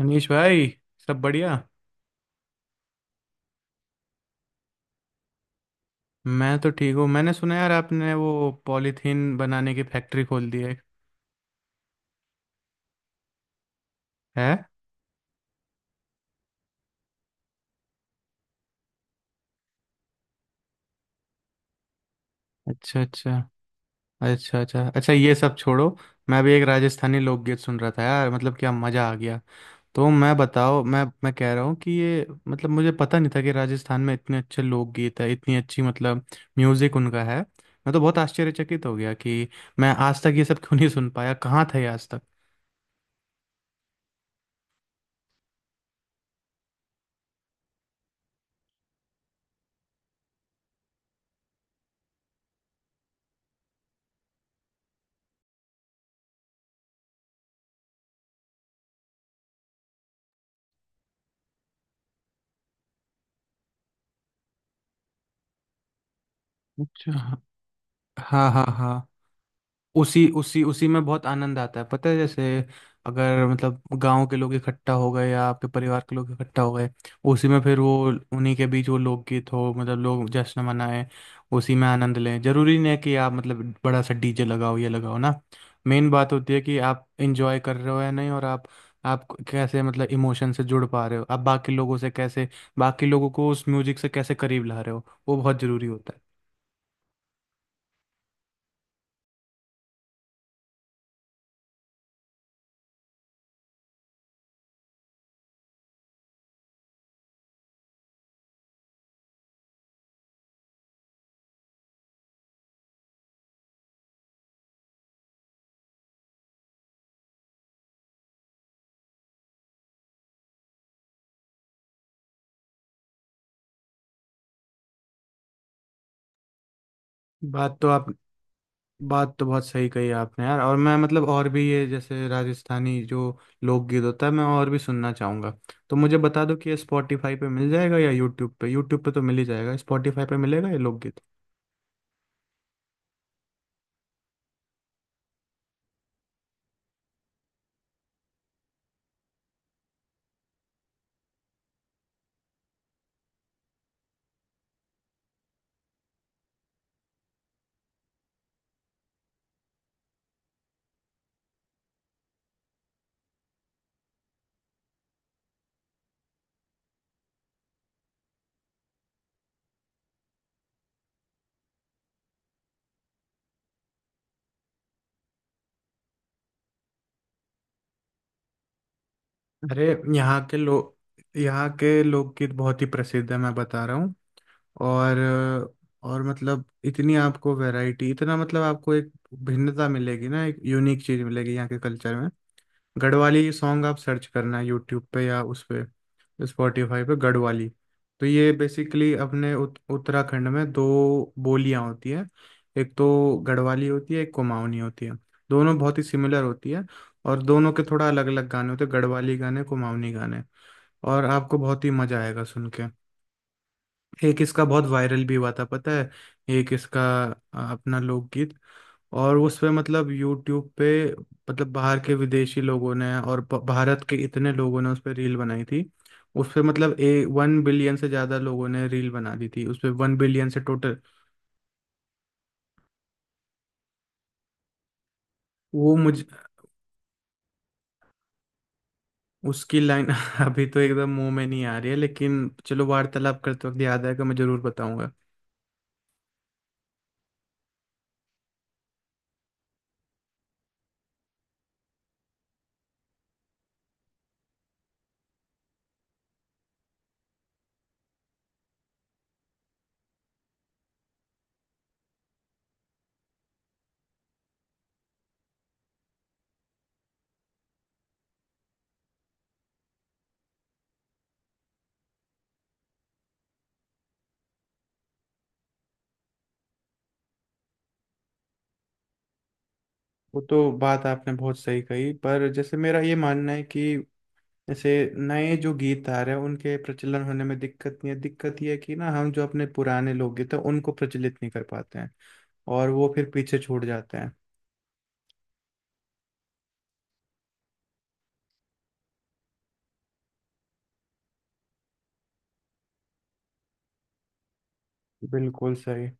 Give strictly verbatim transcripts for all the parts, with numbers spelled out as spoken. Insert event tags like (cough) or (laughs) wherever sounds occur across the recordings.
मनीष भाई। सब बढ़िया। मैं तो ठीक हूँ। मैंने सुना यार आपने वो पॉलीथीन बनाने की फैक्ट्री खोल दी है है। अच्छा अच्छा। अच्छा अच्छा अच्छा ये सब छोड़ो। मैं भी एक राजस्थानी लोकगीत सुन रहा था यार मतलब क्या मज़ा आ गया। तो मैं बताओ मैं मैं कह रहा हूँ कि ये मतलब मुझे पता नहीं था कि राजस्थान में इतने अच्छे लोकगीत है इतनी अच्छी मतलब म्यूज़िक उनका है। मैं तो बहुत आश्चर्यचकित हो गया कि मैं आज तक ये सब क्यों नहीं सुन पाया कहाँ था ये आज तक। अच्छा। हाँ हाँ हाँ। उसी उसी उसी में बहुत आनंद आता है पता है। जैसे अगर मतलब गांव के लोग इकट्ठा हो गए या आपके परिवार के लोग इकट्ठा हो गए उसी में फिर वो उन्हीं के बीच वो लोकगीत हो मतलब लोग जश्न मनाएं उसी में आनंद लें। जरूरी नहीं है कि आप मतलब बड़ा सा डीजे लगाओ ये लगाओ ना। मेन बात होती है कि आप इंजॉय कर रहे हो या नहीं। और आप आप कैसे मतलब इमोशन से जुड़ पा रहे हो, आप बाकी लोगों से कैसे, बाकी लोगों को उस म्यूजिक से कैसे करीब ला रहे हो, वो बहुत जरूरी होता है। बात तो आप बात तो बहुत सही कही आपने यार। और मैं मतलब और भी ये जैसे राजस्थानी जो लोकगीत होता है मैं और भी सुनना चाहूंगा। तो मुझे बता दो कि ये स्पॉटिफाई पे मिल जाएगा या यूट्यूब पे। यूट्यूब पे तो मिल ही जाएगा, स्पॉटिफाई पे मिलेगा ये लोकगीत? अरे, यहाँ के लोग यहाँ के लोकगीत बहुत ही प्रसिद्ध है मैं बता रहा हूँ। और और मतलब इतनी आपको वैरायटी, इतना मतलब आपको एक भिन्नता मिलेगी ना, एक यूनिक चीज मिलेगी यहाँ के कल्चर में। गढ़वाली सॉन्ग आप सर्च करना यूट्यूब पे या उस पे स्पॉटिफाई पे गढ़वाली। तो ये बेसिकली अपने उत, उत्तराखंड में दो बोलियां होती हैं। एक तो गढ़वाली होती है, एक कुमाऊनी होती है। दोनों बहुत ही सिमिलर होती है। और दोनों के थोड़ा अलग अलग गाने होते हैं, गढ़वाली गाने, कुमाऊनी गाने। और आपको बहुत ही मजा आएगा सुन के। एक इसका बहुत वायरल भी हुआ था पता है। एक इसका अ, अपना लोकगीत, और उस पे मतलब यूट्यूब पे मतलब बाहर के विदेशी लोगों ने और ब- भारत के इतने लोगों ने उस पे रील बनाई थी। उस पे मतलब ए वन बिलियन से ज्यादा लोगों ने रील बना दी थी उस पे, वन बिलियन से टोटल। वो मुझ उसकी लाइन (laughs) अभी तो एकदम मुंह में नहीं आ रही है, लेकिन चलो वार्तालाप करते वक्त याद आएगा, मैं जरूर बताऊंगा। वो तो बात आपने बहुत सही कही, पर जैसे मेरा ये मानना है कि जैसे नए जो गीतकार हैं उनके प्रचलन होने में दिक्कत नहीं है। दिक्कत यह है कि ना, हम जो अपने पुराने लोकगीत हैं तो उनको प्रचलित नहीं कर पाते हैं, और वो फिर पीछे छूट जाते हैं। बिल्कुल सही।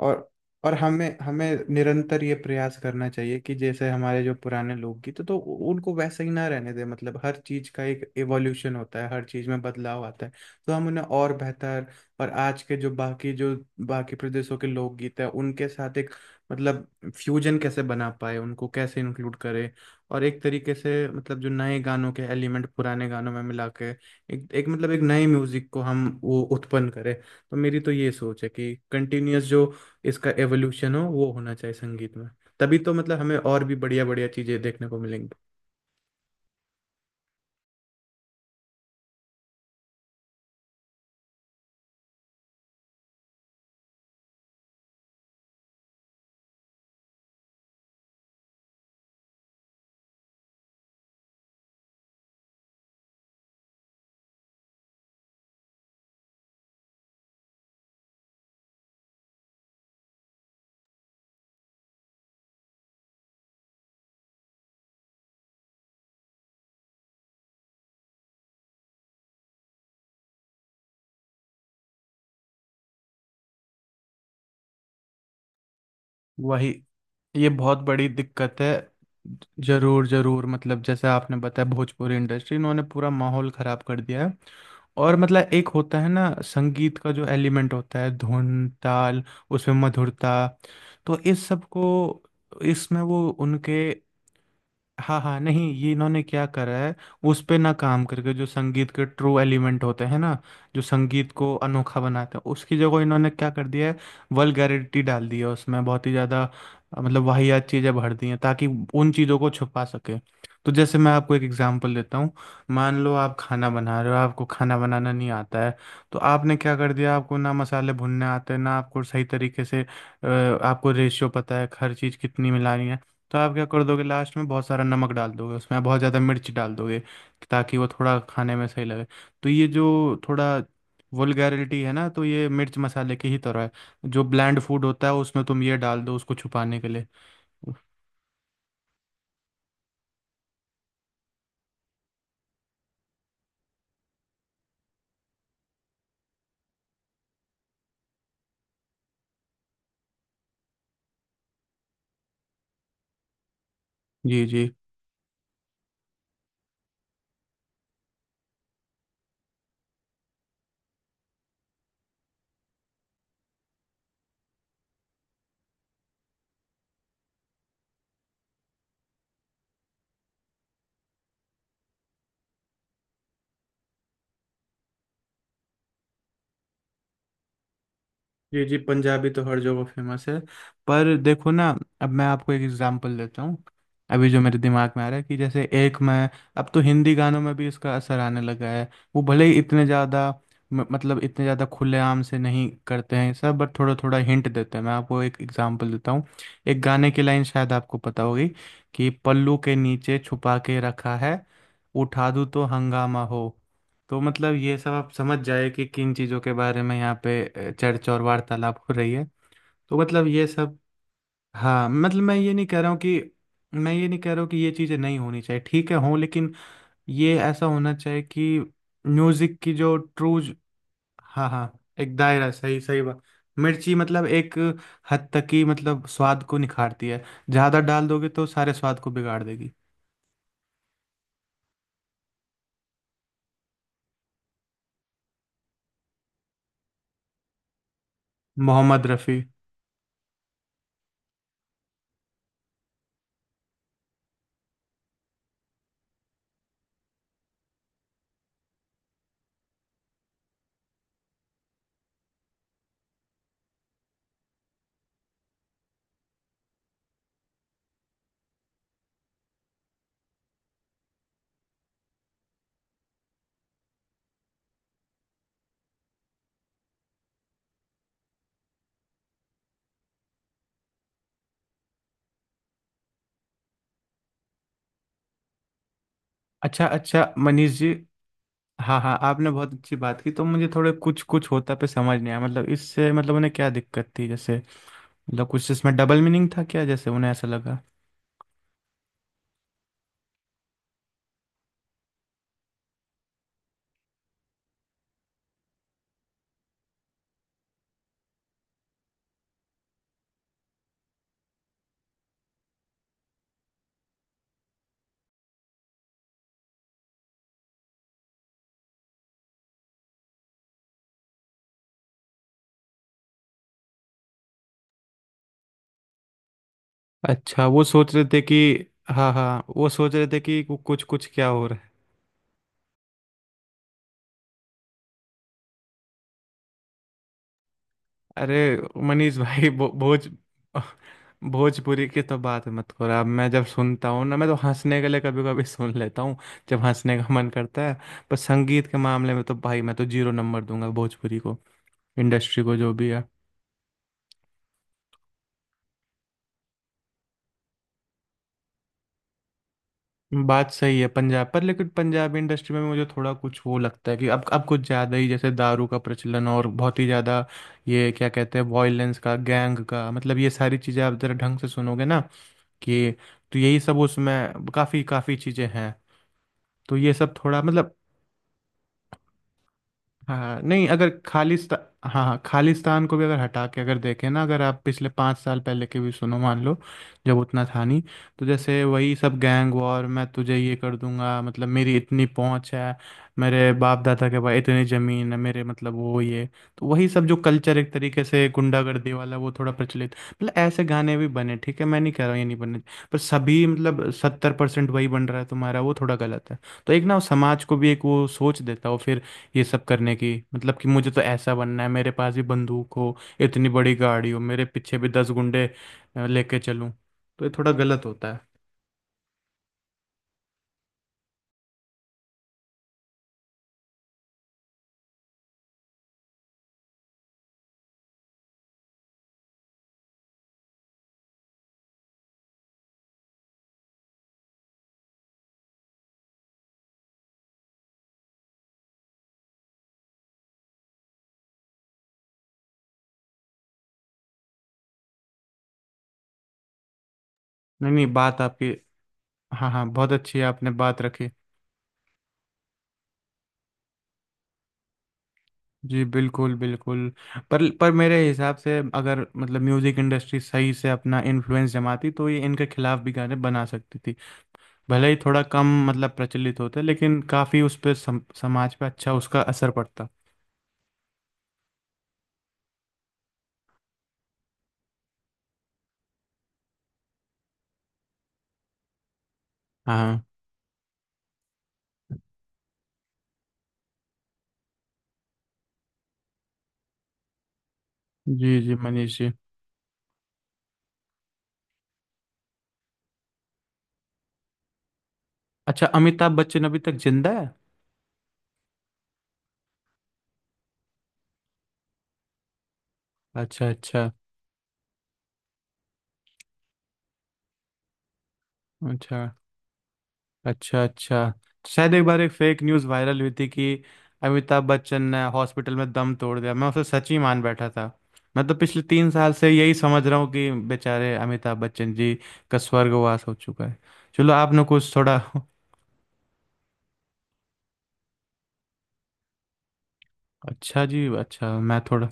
और और हमें हमें निरंतर ये प्रयास करना चाहिए कि जैसे हमारे जो पुराने लोग गीत तो तो उनको वैसे ही ना रहने दे। मतलब हर चीज का एक एवोल्यूशन होता है, हर चीज में बदलाव आता है। तो हम उन्हें और बेहतर, और आज के जो बाकी जो बाकी प्रदेशों के लोकगीत है उनके साथ एक मतलब फ्यूजन कैसे बना पाए, उनको कैसे इंक्लूड करें। और एक तरीके से मतलब जो नए गानों के एलिमेंट पुराने गानों में मिला के एक, एक मतलब एक नए म्यूजिक को हम वो उत्पन्न करें। तो मेरी तो ये सोच है कि कंटिन्यूअस जो इसका एवोल्यूशन हो वो होना चाहिए संगीत में। तभी तो मतलब हमें और भी बढ़िया बढ़िया चीजें देखने को मिलेंगी। वही, ये बहुत बड़ी दिक्कत है। जरूर जरूर। मतलब जैसे आपने बताया, भोजपुरी इंडस्ट्री इन्होंने पूरा माहौल खराब कर दिया है। और मतलब एक होता है ना संगीत का जो एलिमेंट होता है, धुन ताल, उसमें मधुरता, तो इस सब को इसमें वो उनके। हाँ हाँ। नहीं, ये इन्होंने क्या करा है, उस पे ना काम करके, जो संगीत के ट्रू एलिमेंट होते हैं ना, जो संगीत को अनोखा बनाते हैं, उसकी जगह इन्होंने क्या कर दिया है, वल्गैरिटी डाल दी है उसमें बहुत ही ज़्यादा। अ, मतलब वाहियात चीज़ें भर दी हैं ताकि उन चीज़ों को छुपा सके। तो जैसे मैं आपको एक एग्जांपल देता हूँ। मान लो आप खाना बना रहे हो, आपको खाना बनाना नहीं आता है। तो आपने क्या कर दिया, आपको ना मसाले भुनने आते हैं ना, आपको सही तरीके से अ, आपको रेशियो पता है हर चीज़ कितनी मिलानी है। तो आप क्या कर दोगे, लास्ट में बहुत सारा नमक डाल दोगे उसमें, आप बहुत ज़्यादा मिर्च डाल दोगे ताकि वो थोड़ा खाने में सही लगे। तो ये जो थोड़ा वल्गैरिटी है ना, तो ये मिर्च मसाले की ही तरह है, जो ब्लैंड फूड होता है उसमें तुम ये डाल दो उसको छुपाने के लिए। जी जी। जी जी, पंजाबी तो हर जगह फेमस है। पर देखो ना, अब मैं आपको एक एग्जांपल देता हूँ। अभी जो मेरे दिमाग में आ रहा है कि जैसे एक, मैं अब तो हिंदी गानों में भी इसका असर आने लगा है। वो भले ही इतने ज़्यादा म- मतलब इतने ज़्यादा खुलेआम से नहीं करते हैं सब, बट थोड़ा थोड़ा हिंट देते हैं। मैं आपको एक एग्जांपल देता हूँ, एक गाने की लाइन शायद आपको पता होगी कि पल्लू के नीचे छुपा के रखा है, उठा दूँ तो हंगामा हो। तो मतलब ये सब आप समझ जाए कि किन चीज़ों के बारे में यहाँ पे अ, चर्चा और वार्तालाप हो रही है। तो मतलब ये सब, हाँ मतलब मैं ये नहीं कह रहा हूँ कि मैं ये नहीं कह रहा हूँ कि ये चीज़ें नहीं होनी चाहिए, ठीक है हों, लेकिन ये ऐसा होना चाहिए कि म्यूज़िक की जो ट्रू। हाँ हाँ, एक दायरा, सही सही बात। मिर्ची मतलब एक हद तक ही मतलब स्वाद को निखारती है। ज़्यादा डाल दोगे तो सारे स्वाद को बिगाड़ देगी। मोहम्मद रफ़ी। अच्छा अच्छा मनीष जी। हाँ हाँ, आपने बहुत अच्छी बात की। तो मुझे थोड़े कुछ कुछ होता पे समझ नहीं आया। मतलब इससे मतलब उन्हें क्या दिक्कत थी जैसे, मतलब कुछ इसमें डबल मीनिंग था क्या, जैसे उन्हें ऐसा लगा। अच्छा, वो सोच रहे थे कि। हाँ हाँ, वो सोच रहे थे कि कु- कुछ कुछ क्या हो रहा है। अरे मनीष भाई, भो, भोज भोजपुरी की तो बात मत करो। अब मैं जब सुनता हूँ ना, मैं तो हंसने के लिए कभी कभी सुन लेता हूँ, जब हंसने का मन करता है। पर संगीत के मामले में तो भाई मैं तो जीरो नंबर दूंगा भोजपुरी को, इंडस्ट्री को, जो भी है। बात सही है पंजाब पर, लेकिन पंजाबी इंडस्ट्री में भी मुझे थोड़ा कुछ वो लगता है कि अब अब कुछ ज़्यादा ही, जैसे दारू का प्रचलन, और बहुत ही ज़्यादा ये क्या कहते हैं, वॉयलेंस का, गैंग का, मतलब ये सारी चीज़ें आप ज़रा ढंग से सुनोगे ना कि, तो यही सब उसमें काफ़ी काफ़ी चीज़ें हैं। तो ये सब थोड़ा मतलब, हाँ नहीं, अगर खालिस्ता हाँ हाँ, खालिस्तान को भी अगर हटा के अगर देखें ना, अगर आप पिछले पाँच साल पहले के भी सुनो मान लो, जब उतना था नहीं। तो जैसे वही सब, गैंग वॉर, मैं तुझे ये कर दूंगा, मतलब मेरी इतनी पहुंच है, मेरे बाप दादा के पास इतनी ज़मीन है, मेरे मतलब वो ये, तो वही सब जो कल्चर एक तरीके से गुंडागर्दी वाला, वो थोड़ा प्रचलित मतलब ऐसे गाने भी बने। ठीक है, मैं नहीं कह रहा हूँ ये नहीं बने, पर सभी मतलब सत्तर परसेंट वही बन रहा है तुम्हारा, वो थोड़ा गलत है। तो एक ना, वो समाज को भी एक वो सोच देता है, वो फिर ये सब करने की, मतलब कि मुझे तो ऐसा बनना है, मेरे पास भी बंदूक हो, इतनी बड़ी गाड़ी हो, मेरे पीछे भी दस गुंडे अ, लेके चलूं, तो ये थोड़ा गलत होता है। नहीं नहीं, बात आपकी, हाँ हाँ, बहुत अच्छी है, आपने बात रखी। जी बिल्कुल बिल्कुल। पर पर मेरे हिसाब से अगर मतलब म्यूज़िक इंडस्ट्री सही से अपना इन्फ्लुएंस जमाती तो ये इनके खिलाफ भी गाने बना सकती थी। भले ही थोड़ा कम मतलब प्रचलित होते, लेकिन काफ़ी उस पर सम, समाज पे अच्छा उसका असर पड़ता। हाँ हाँ। जी जी मनीष जी। अच्छा, अमिताभ बच्चन अभी तक जिंदा है? अच्छा। अच्छा अच्छा। अच्छा अच्छा। शायद एक बार एक फेक न्यूज़ वायरल हुई थी कि अमिताभ बच्चन ने हॉस्पिटल में दम तोड़ दिया, मैं उसे सच ही मान बैठा था। मैं तो पिछले तीन साल से यही समझ रहा हूँ कि बेचारे अमिताभ बच्चन जी का स्वर्गवास हो चुका है। चलो, आपने कुछ थोड़ा (laughs) अच्छा जी। अच्छा, मैं थोड़ा,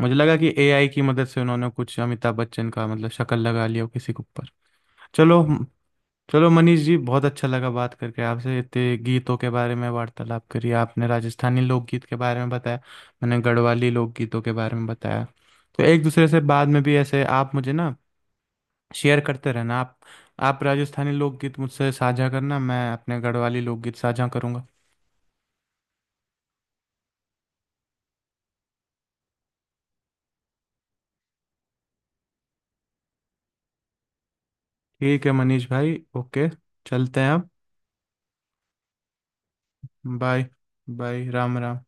मुझे लगा कि ए आई की मदद से उन्होंने कुछ अमिताभ बच्चन का मतलब शक्ल लगा लिया हो किसी के ऊपर। चलो। चलो मनीष जी, बहुत अच्छा लगा बात करके आपसे, इतने गीतों के बारे में वार्तालाप करी, आपने राजस्थानी लोकगीत के बारे में बताया, मैंने गढ़वाली लोकगीतों के बारे में बताया। तो एक दूसरे से बाद में भी ऐसे आप मुझे ना शेयर करते रहना आप। आप राजस्थानी लोकगीत मुझसे साझा करना, मैं अपने गढ़वाली लोकगीत साझा करूंगा। ठीक है मनीष भाई, ओके, चलते हैं अब। बाय। बाय, राम राम।